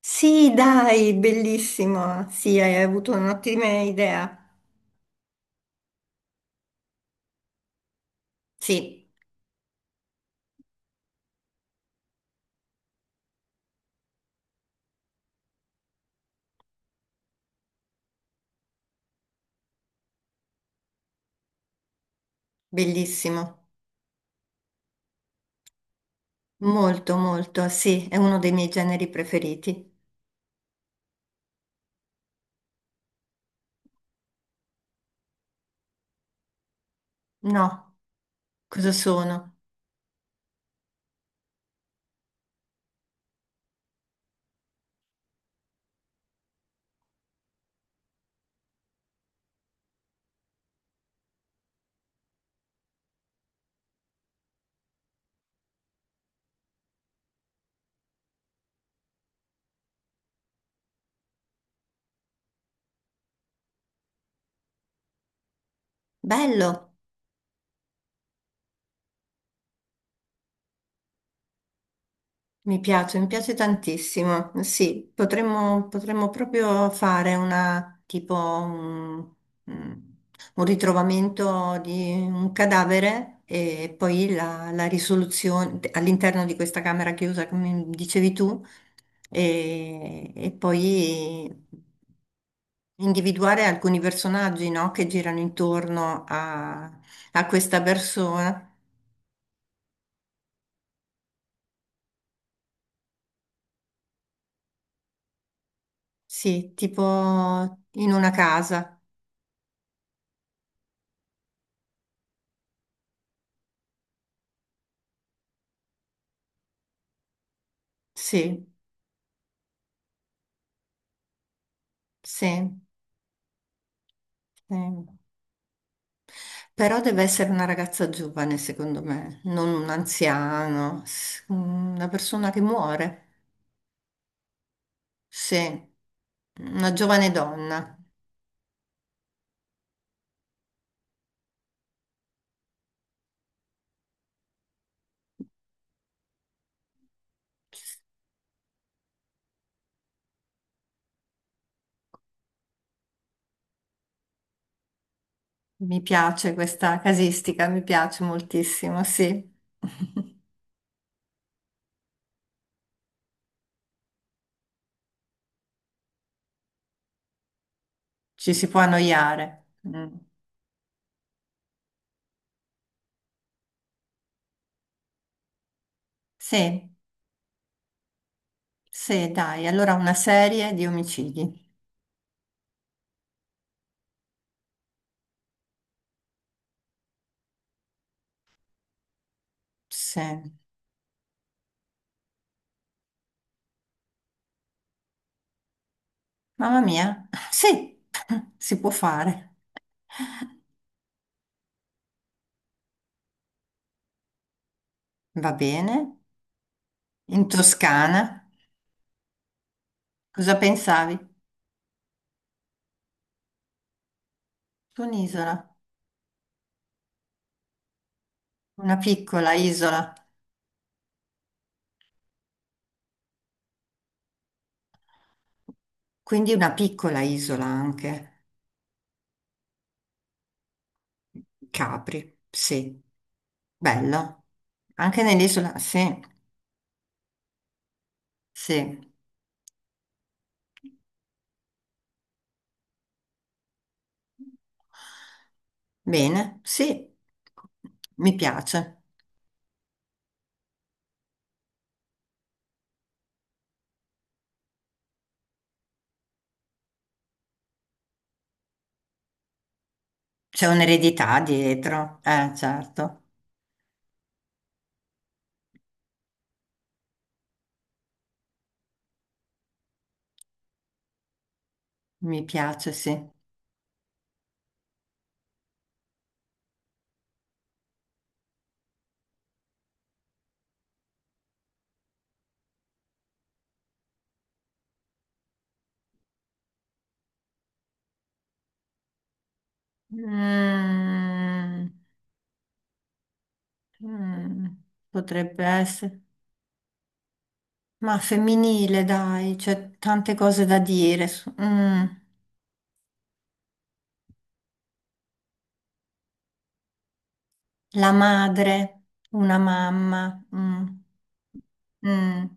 Sì, dai, bellissimo. Sì, hai avuto un'ottima idea. Sì, bellissimo. Molto, molto. Sì, è uno dei miei generi preferiti. No, cosa sono? Bello. Mi piace tantissimo. Sì, potremmo proprio fare una, tipo un, mm, un ritrovamento di un cadavere e poi la risoluzione all'interno di questa camera chiusa, come dicevi tu, e poi individuare alcuni personaggi, no, che girano intorno a, a questa persona. Sì, tipo in una casa. Sì. Sì, sì. Però deve essere una ragazza giovane, secondo me, non un anziano, una persona che muore. Sì, una giovane donna. Mi piace questa casistica, mi piace moltissimo, sì. Ci si può annoiare. Mm. Sì, sì, dai, allora una serie di omicidi. Sì. Mamma mia, sì, si può fare. Va bene. In Toscana. Cosa pensavi? Su un'isola, una piccola isola, quindi una piccola isola anche. Capri, sì, bello. Anche nell'isola, sì, sì. Bene, sì, mi piace. C'è un'eredità dietro, certo, mi piace, sì. Mm, mm, potrebbe essere. Ma femminile, dai, c'è tante cose da dire. La madre, una mamma. Mm,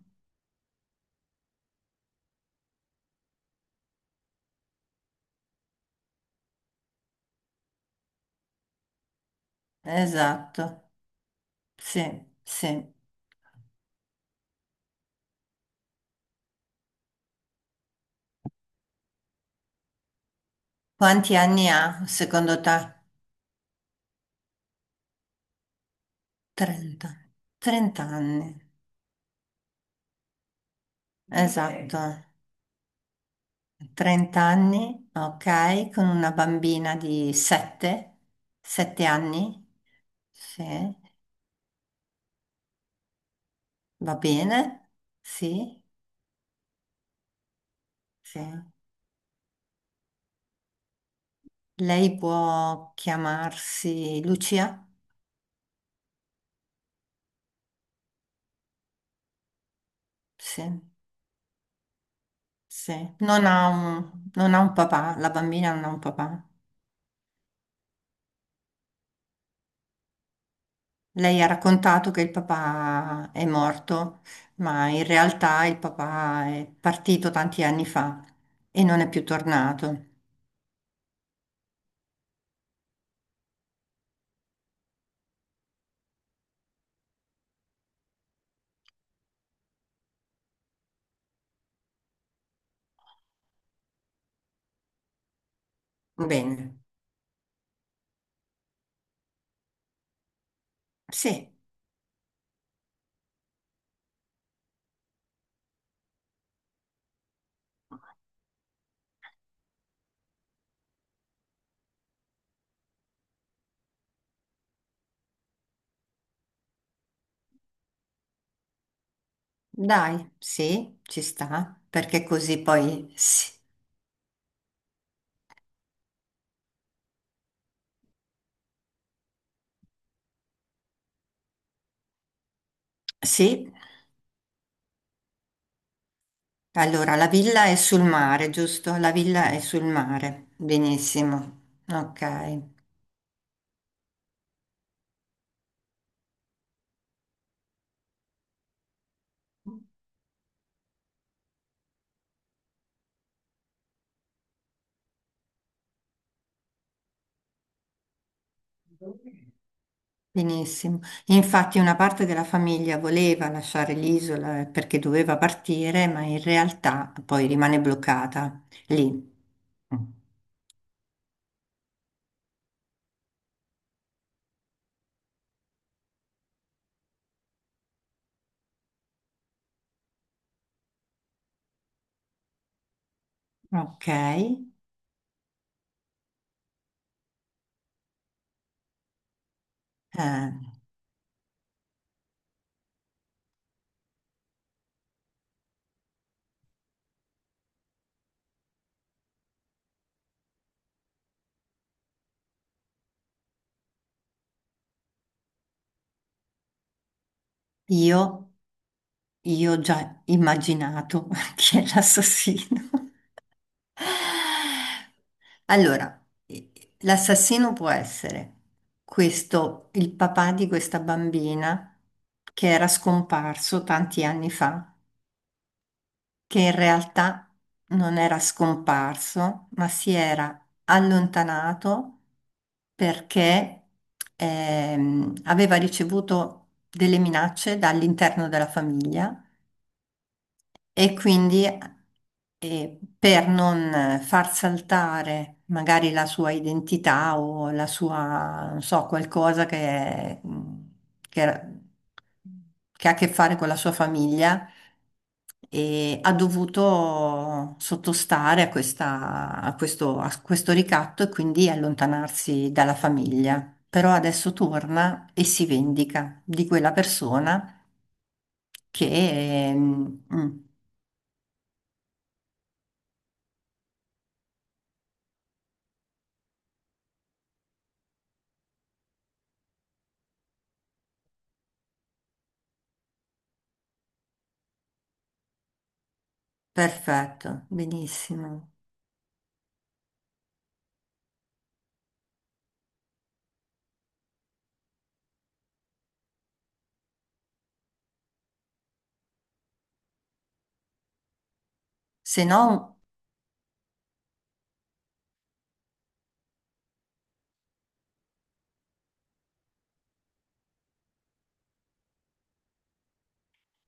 esatto, sì, sì. Quanti anni ha, secondo te? 30. 30 anni, ok. Esatto. 30 anni, ok, con una bambina di 7, 7 anni. Sì, va bene, sì, sì. Lei può chiamarsi Lucia? Sì, sì. Non ha un, non ha un papà, la bambina non ha un papà. Lei ha raccontato che il papà è morto, ma in realtà il papà è partito tanti anni fa e non è più tornato. Bene, sì, dai, sì, ci sta, perché così poi sì. Sì. Allora, la villa è sul mare, giusto? La villa è sul mare. Benissimo. Ok. Benissimo. E infatti una parte della famiglia voleva lasciare l'isola perché doveva partire, ma in realtà poi rimane bloccata lì. Mm. Ok. Io, io ho già immaginato chi è l'assassino. Allora, l'assassino può essere questo, il papà di questa bambina che era scomparso tanti anni fa che in realtà non era scomparso, ma si era allontanato perché aveva ricevuto delle minacce dall'interno della famiglia e quindi per non far saltare magari la sua identità o la sua, non so, qualcosa che, che- che ha a che fare con la sua famiglia, e ha dovuto sottostare a a questo ricatto e quindi allontanarsi dalla famiglia. Però adesso torna e si vendica di quella persona che... ehm, mm, Perfetto, benissimo. Se no,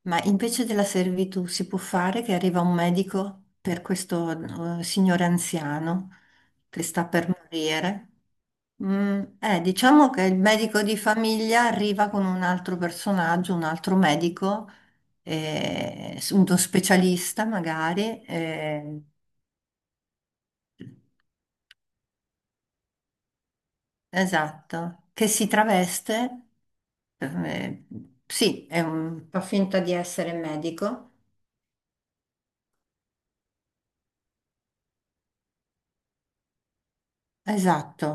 ma invece della servitù si può fare che arriva un medico per questo signore anziano che sta per morire. Mm, diciamo che il medico di famiglia arriva con un altro personaggio, un altro medico, uno specialista magari, esatto, che si traveste, eh, sì, fa finta di essere medico. Esatto.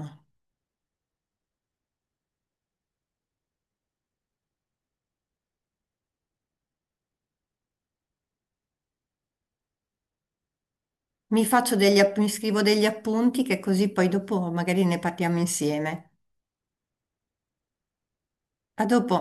Mi faccio mi scrivo degli appunti che così poi dopo magari ne parliamo insieme. A dopo.